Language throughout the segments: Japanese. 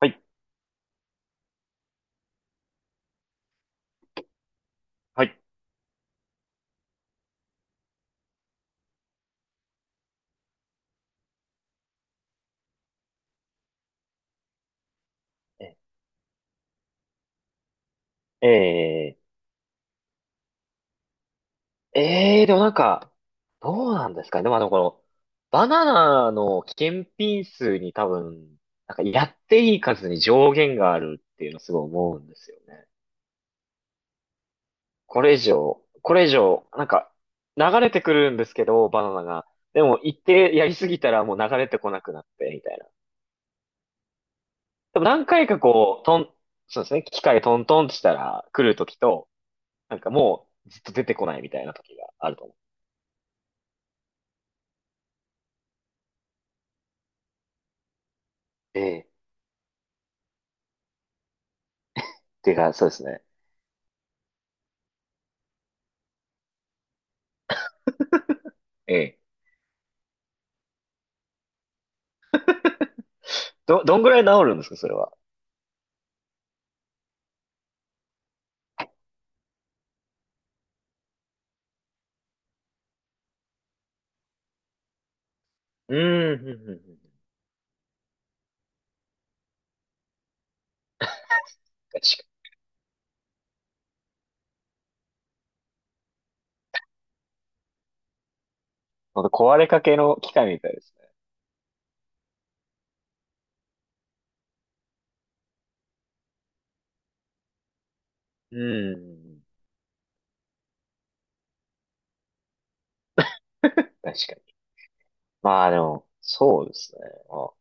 はい。はい。ええーえーでもなんか、どうなんですかね。でも、まあの、この、バナナの検品数に多分、なんかやっていい数に上限があるっていうのすごい思うんですよね。これ以上、これ以上、なんか、流れてくるんですけど、バナナが。でも、一定やりすぎたらもう流れてこなくなって、みたいな。でも、何回かこう、そうですね、機械トントンってしたら来るときと、なんかもうずっと出てこないみたいなときがあると思う。ええ。ていうか、そうですね。ええ。どんぐらい治るんですか、それは。うん、うんうんうん。確かに。ほんと壊れかけの機械みたいですね。うん、うん。確かに。まあでも、そうですね。まあ、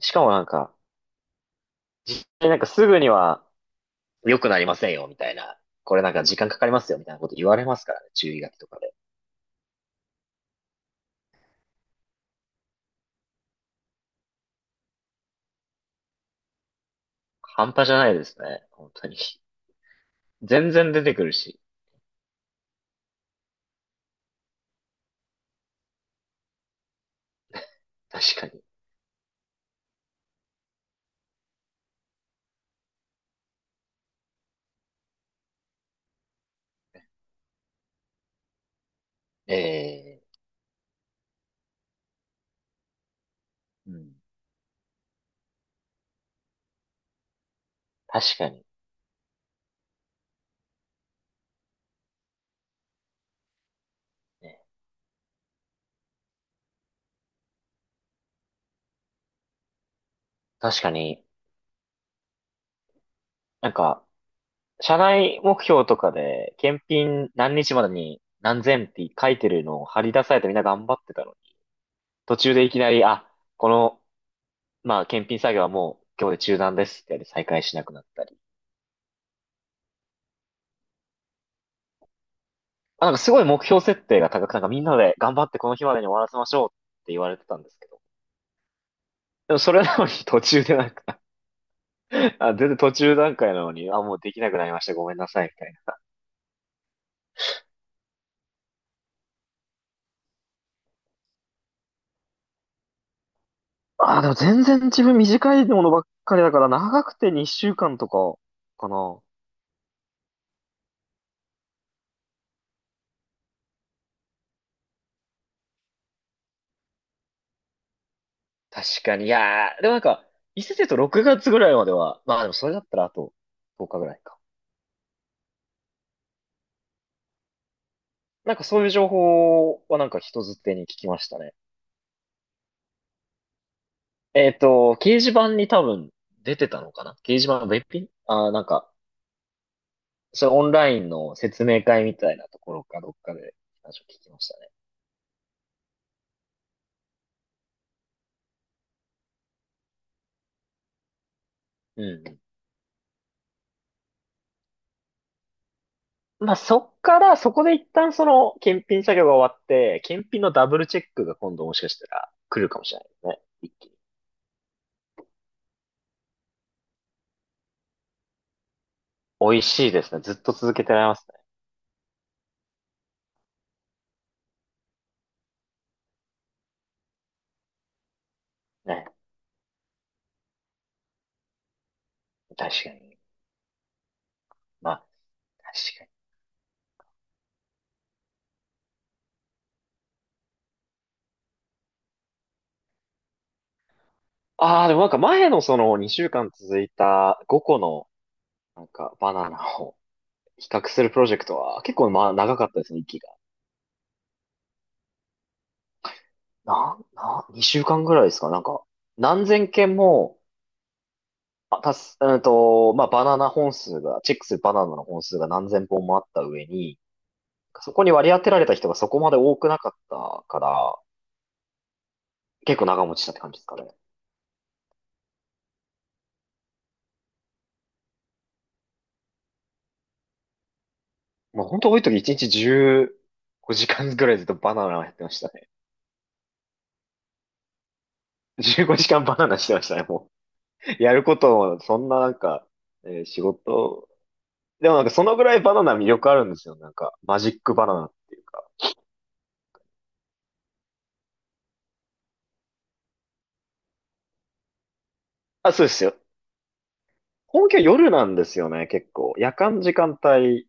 しかもなんか、なんかすぐには良くなりませんよ、みたいな。これなんか時間かかりますよ、みたいなこと言われますからね、注意書きとかで。半端じゃないですね、本当に。全然出てくるし。確かに。ええ、うん。確かに。ね。確かに、なんか、社内目標とかで、検品何日までに何千って書いてるのを貼り出されて、みんな頑張ってたのに、途中でいきなり、あ、この、まあ、検品作業はもう今日で中断ですってやって再開しなくなったり。まあ、なんかすごい目標設定が高く、なんかみんなで頑張ってこの日までに終わらせましょうって言われてたんですけど。でも、それなのに 途中でなんか あ、全然途中段階なのに、あ、もうできなくなりました。ごめんなさい、みたいな。あ、でも全然自分短いものばっかりだから、長くて2週間とかかな。確かに。いやー、でもなんか、伊勢と6月ぐらいまでは、まあでもそれだったらあと10日ぐらいか。なんかそういう情報はなんか人づてに聞きましたね。掲示板に多分出てたのかな。掲示板の別品なんか、それオンラインの説明会みたいなところかどっかで話を聞きましたね。うん。まあそっから、そこで一旦その検品作業が終わって、検品のダブルチェックが今度もしかしたら来るかもしれないですね。一気に。美味しいですね。ずっと続けてられますね。ね。確かに。まあ、確かに。ああ、でもなんか前のその2週間続いた5個のなんかバナナを 比較するプロジェクトは結構まあ長かったですね、息が。2週間ぐらいですかなんか、何千件も、まあバナナ本数が、チェックするバナナの本数が何千本もあった上に、そこに割り当てられた人がそこまで多くなかったから、結構長持ちしたって感じですかね。まあ本当多い時1日15時間ぐらいずっとバナナをやってましたね。15時間バナナしてましたね、もう。やることも、そんななんか、仕事、でもなんかそのぐらいバナナ魅力あるんですよ、なんか。マジックバナナっていうか。あ、そうですよ。本気は夜なんですよね、結構。夜間時間帯。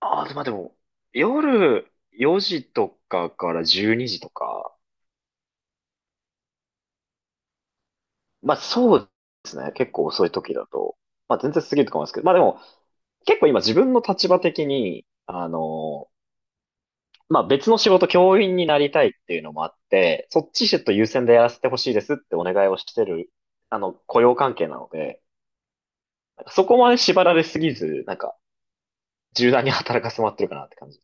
ああ、まあでも、夜4時とかから12時とか。まあそうですね、結構遅い時だと。まあ全然過ぎると思いますけど。まあでも、結構今自分の立場的に、別の仕事、教員になりたいっていうのもあって、そっちちょっと優先でやらせてほしいですってお願いをしてる、あの、雇用関係なので、なんかそこまで縛られすぎず、なんか、柔軟に働かせてもらってるかなって感じ。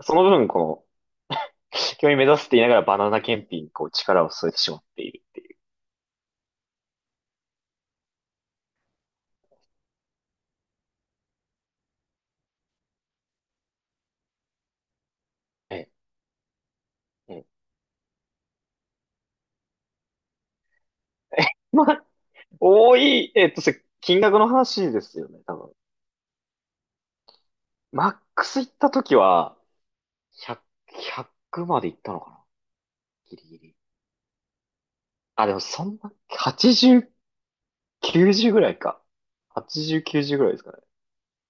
その分、この、教員目指すって言いながらバナナ検品にこう力を添えてしまっている。ええ、ええ。まあ、それ金額の話ですよね、多分。マックス行った時は、100、ひゃくまで行ったのかな、ギリギリ。あ、でもそんな、80 90ぐらいか。80、90ぐらいですかね。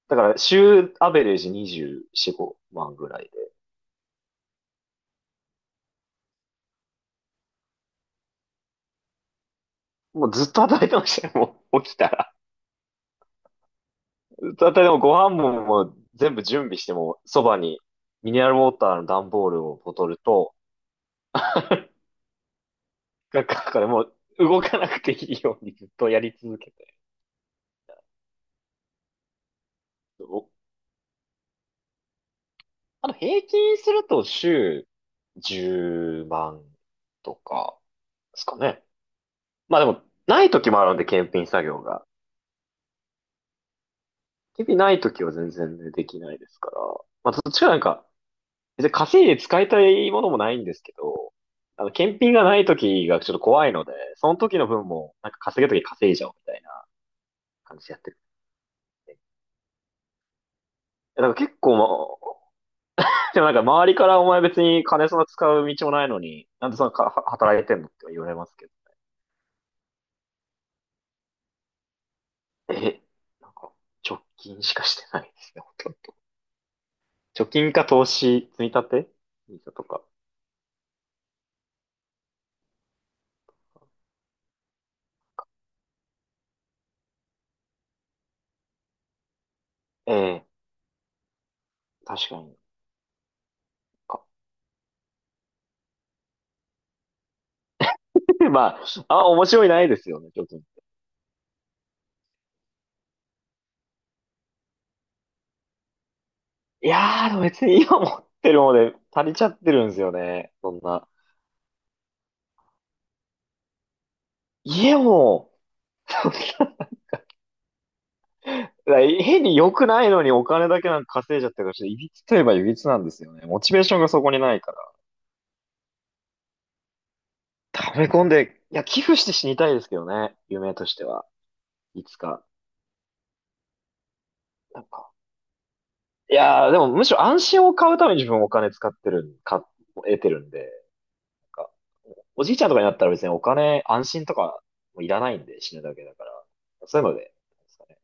だから、週アベレージ24、5万ぐらいで。もうずっと働いてましたよ、もう起きたら。ずっと働いても、ご飯ももう全部準備しても、そばにミネラルウォーターの段ボールをボトルと、なんか、だからもう動かなくていいようにずっとやり続けて。おあの、平均すると週10万とかですかね。まあでも、ない時もあるんで、検品作業が。日々ない時は全然ね、できないですから。まあ、どっちかなんか、別に稼いで使いたいものもないんですけど、あの、検品がない時がちょっと怖いので、その時の分も、なんか稼げる時稼いじゃおうみたいな感じでやってるんで。いやだから結構、まあ、でもなんか周りからお前別に金そんな使う道もないのに、なんでそんなかは働いてんのって言われますけど。え、なんか、貯金しかしてないですね、ほとんど。貯金か投資、積み立てとか。ええ。確かに。あ まあ、あ、面白いないですよね、ちょっと。いやー、でも別に今持ってるもので足りちゃってるんですよね。そんな。家も、そんな変に良くないのにお金だけなんか稼いじゃってるから、ちょっといびつといえばいびつなんですよね。モチベーションがそこにないから。溜め込んで、いや、寄付して死にたいですけどね。夢としては。いつか。なんか。いやー、でもむしろ安心を買うために自分お金使ってるん、か、得てるんで。か、おじいちゃんとかになったら別にお金、安心とかもいらないんで、死ぬだけだから、そういうので、なんですかね。